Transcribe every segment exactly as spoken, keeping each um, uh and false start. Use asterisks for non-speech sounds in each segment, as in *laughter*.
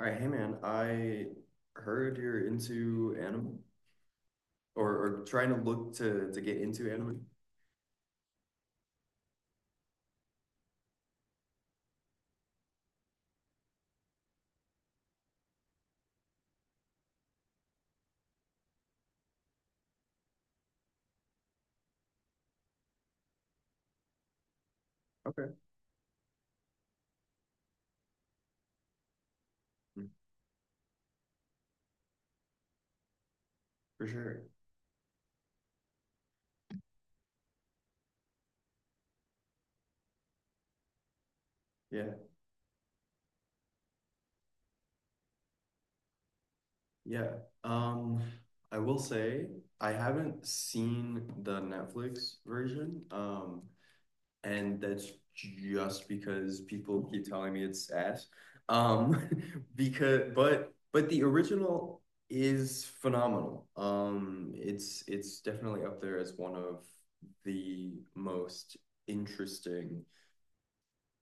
All right, hey man, I heard you're into anime or, or trying to look to to get into anime. Okay. Mm, for sure. Yeah. Yeah. Um, I will say I haven't seen the Netflix version, Um, and that's just because people keep telling me it's ass. Um, *laughs* because but but the original is phenomenal. Um, it's it's definitely up there as one of the most interesting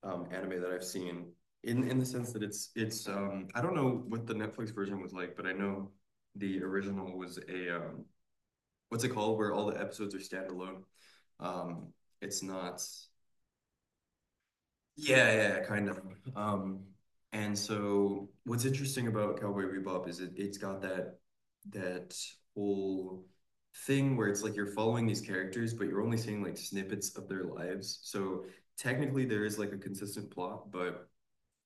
um, anime that I've seen in in the sense that it's it's um, I don't know what the Netflix version was like, but I know the original was a um, what's it called where all the episodes are standalone. Um, it's not Yeah, yeah, yeah, kind of. Um, and so what's interesting about Cowboy Bebop is it it's got that that whole thing where it's like you're following these characters, but you're only seeing like snippets of their lives. So technically there is like a consistent plot, but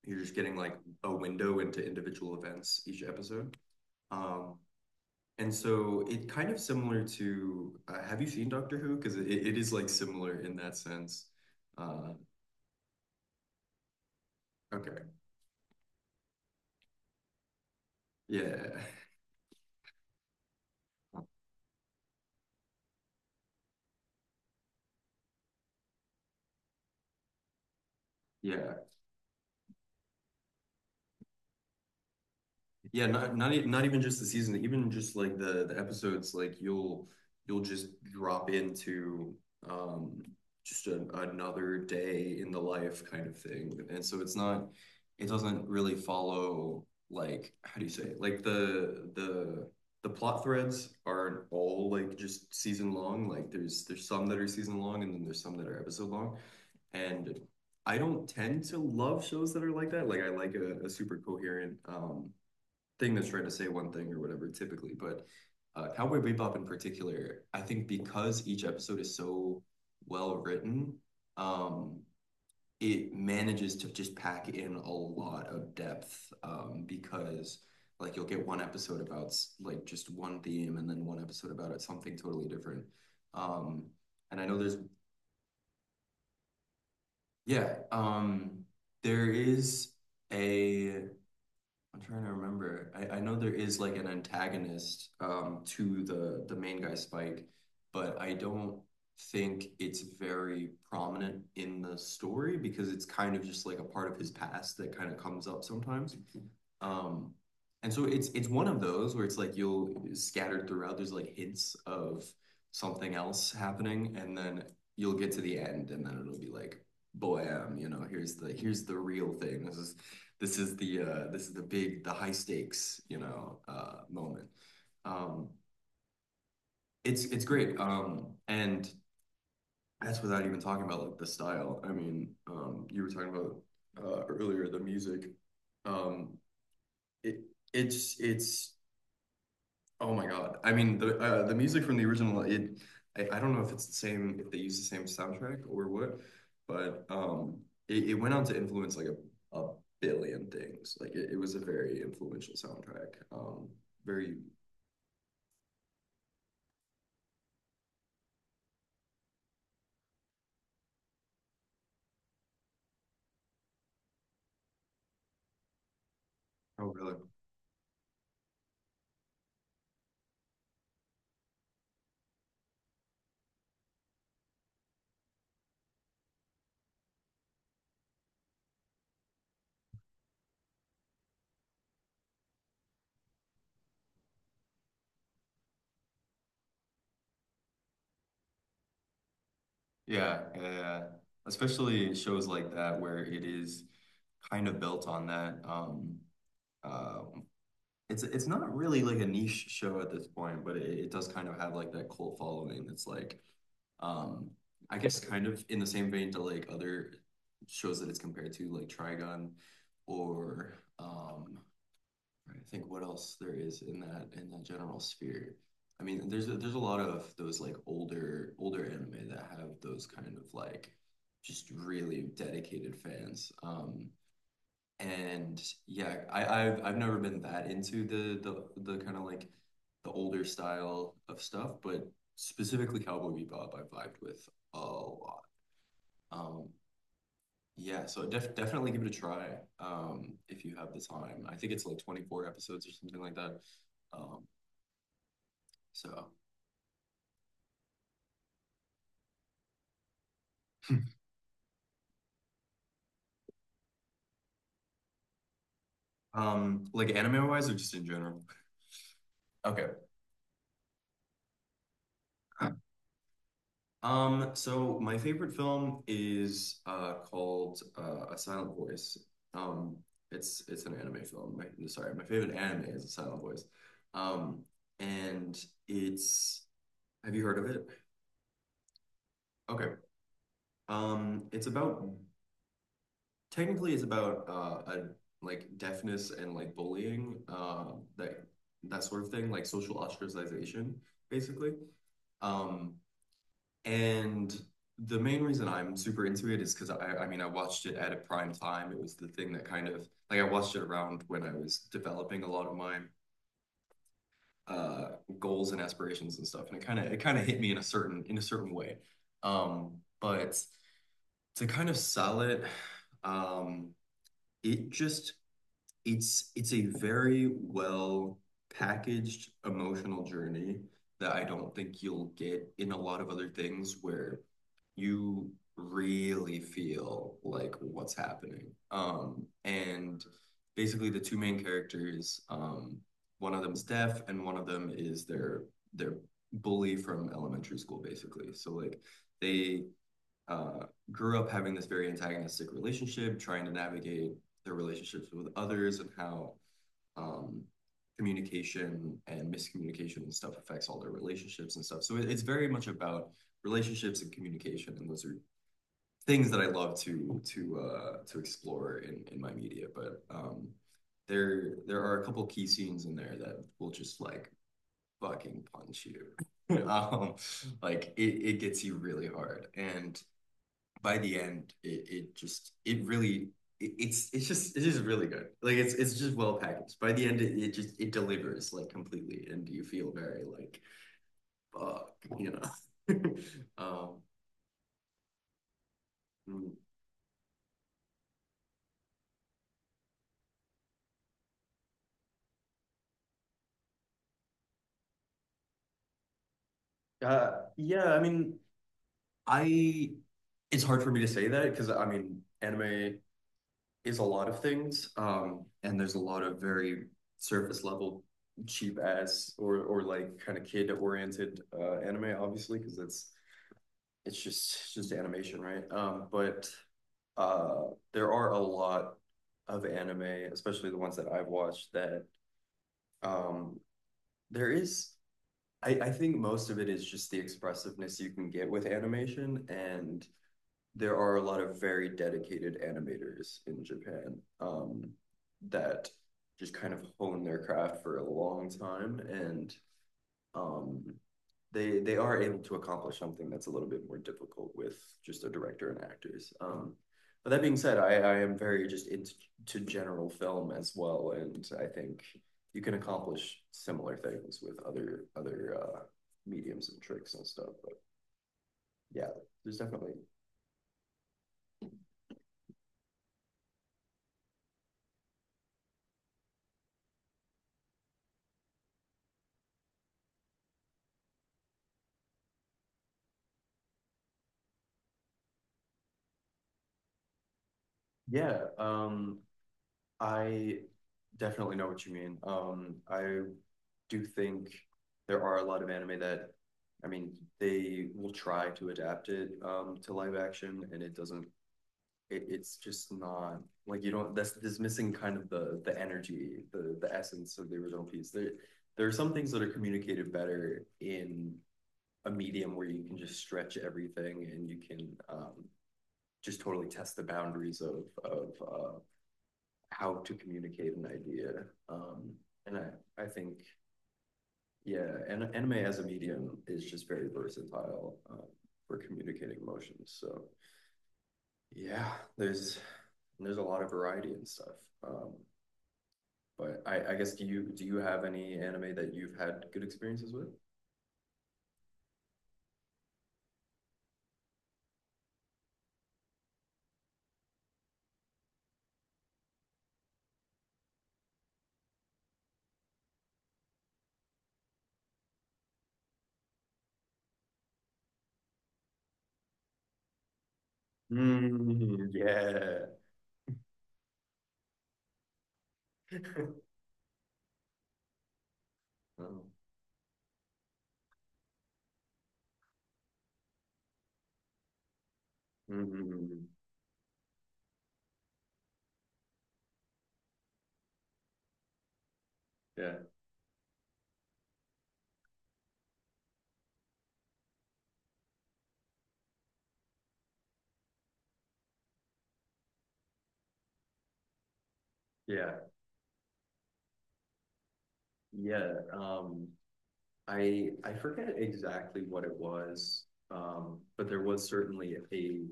you're just getting like a window into individual events each episode. Um, and so it kind of similar to uh, have you seen Doctor Who? Because it, it is like similar in that sense. Uh, okay. Yeah. *laughs* Yeah, Yeah, not not e- not even just the season, even just like the the episodes, like you'll you'll just drop into um just a, another day in the life kind of thing. And so it's not it doesn't really follow, like how do you say it? Like the the the plot threads aren't all like just season long. Like there's there's some that are season long and then there's some that are episode long. And I don't tend to love shows that are like that. Like I like a, a super coherent um thing that's trying to say one thing or whatever typically, but uh, Cowboy Bebop in particular, I think because each episode is so well written, um, it manages to just pack in a lot of depth, um, because like you'll get one episode about like just one theme and then one episode about it something totally different. Um, and I know there's yeah, um, there is a I'm trying to remember. I, I know there is like an antagonist um to the the main guy Spike, but I don't think it's very prominent in the story because it's kind of just like a part of his past that kind of comes up sometimes. Um, And so it's it's one of those where it's like you'll scattered throughout, there's like hints of something else happening, and then you'll get to the end, and then it'll be like, "Blam, you know, here's the here's the real thing. This is this is the uh this is the big, the high stakes, you know, uh moment." Um it's it's great. Um and that's without even talking about like the style. I mean, um you were talking about uh earlier the music. Um it it's it's Oh my God. I mean, the uh, the music from the original, it I, I don't know if it's the same, if they use the same soundtrack or what, but um it, it went on to influence like a, a billion things. Like it, it was a very influential soundtrack. Um very Oh, really? Yeah, yeah, yeah. Especially shows like that where it is kind of built on that. Um, uh, It's it's not really like a niche show at this point, but it, it does kind of have like that cult following. It's like, um, I guess kind of in the same vein to like other shows that it's compared to, like Trigun, or um, I think what else there is in that in that general sphere. I mean, there's a, there's a lot of those like older older anime that have those kind of like just really dedicated fans. Um, and yeah, I, I've I've never been that into the the the kind of like the older style of stuff, but specifically Cowboy Bebop, I vibed with a lot. Um, yeah, so def definitely give it a try um, if you have the time. I think it's like twenty-four episodes or something like that. Um, so, um, like anime wise or just in general? Okay. *clears throat* Um, so my favorite film is uh called uh, A Silent Voice. Um, it's it's an anime film. My, sorry, my favorite anime is A Silent Voice. Um, and it's have you heard of it? Okay. Um, it's about technically it's about uh a like deafness and like bullying, uh that that sort of thing, like social ostracization, basically. Um, And the main reason I'm super into it is because I, I mean, I watched it at a prime time. It was the thing that kind of like I watched it around when I was developing a lot of my uh, goals and aspirations and stuff, and it kind of it kind of hit me in a certain in a certain way. Um, but to kind of sell it, um, it just it's it's a very well packaged emotional journey that I don't think you'll get in a lot of other things where you really feel like what's happening. Um, and basically the two main characters, um, one of them's deaf and one of them is their their bully from elementary school, basically. So like they uh, grew up having this very antagonistic relationship, trying to navigate their relationships with others and how um, communication and miscommunication and stuff affects all their relationships and stuff. So it, it's very much about relationships and communication, and those are things that I love to to uh, to explore in in my media. But um, there there are a couple key scenes in there that will just like fucking punch you. *laughs* um, like it, it gets you really hard and by the end, it, it just it really it, it's it's just it is really good. Like it's it's just well packaged. By the end, it, it just it delivers like completely, and you feel very like fuck, you know. *laughs* um, mm. uh, yeah, I mean, I it's hard for me to say that because I mean, anime is a lot of things, um, and there's a lot of very surface level cheap ass or or like kind of kid oriented uh, anime, obviously, because that's it's just it's just animation, right? Um, but uh, there are a lot of anime, especially the ones that I've watched, that um, there is. I, I think most of it is just the expressiveness you can get with animation, and there are a lot of very dedicated animators in Japan, um, that just kind of hone their craft for a long time, and um, they they are able to accomplish something that's a little bit more difficult with just a director and actors. Um, but that being said, I, I am very just into to general film as well, and I think you can accomplish similar things with other other uh, mediums and tricks and stuff. But yeah, there's definitely yeah. Um, I definitely know what you mean. Um, I do think there are a lot of anime that, I mean, they will try to adapt it um, to live action, and it doesn't. It, it's just not like you don't. That's this missing kind of the the energy, the the essence of the original piece. There, there are some things that are communicated better in a medium where you can just stretch everything and you can um, just totally test the boundaries of of uh, how to communicate an idea. Um, and I, I think, yeah, and anime as a medium is just very versatile, um, for communicating emotions. So yeah, there's there's a lot of variety and stuff. Um, but I, I guess do you do you have any anime that you've had good experiences with? Mm, yeah. *laughs* Oh, mm, yeah. Yeah. Yeah. Um, I I forget exactly what it was, um, but there was certainly a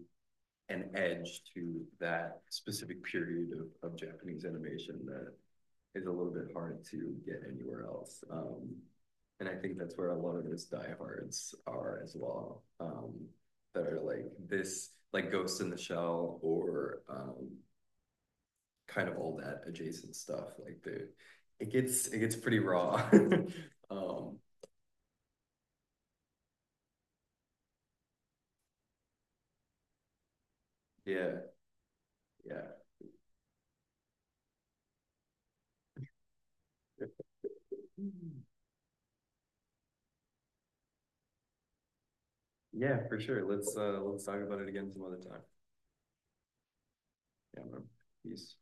an edge to that specific period of, of Japanese animation that is a little bit hard to get anywhere else. Um, and I think that's where a lot of those diehards are as well. Um, that are like this, like Ghost in the Shell or um, kind of all that adjacent stuff. Like the, it gets it gets pretty raw. *laughs* um, yeah, yeah. Yeah. Yeah, for sure. Let's, uh, let's talk about it again some other time. Yeah, man. Peace.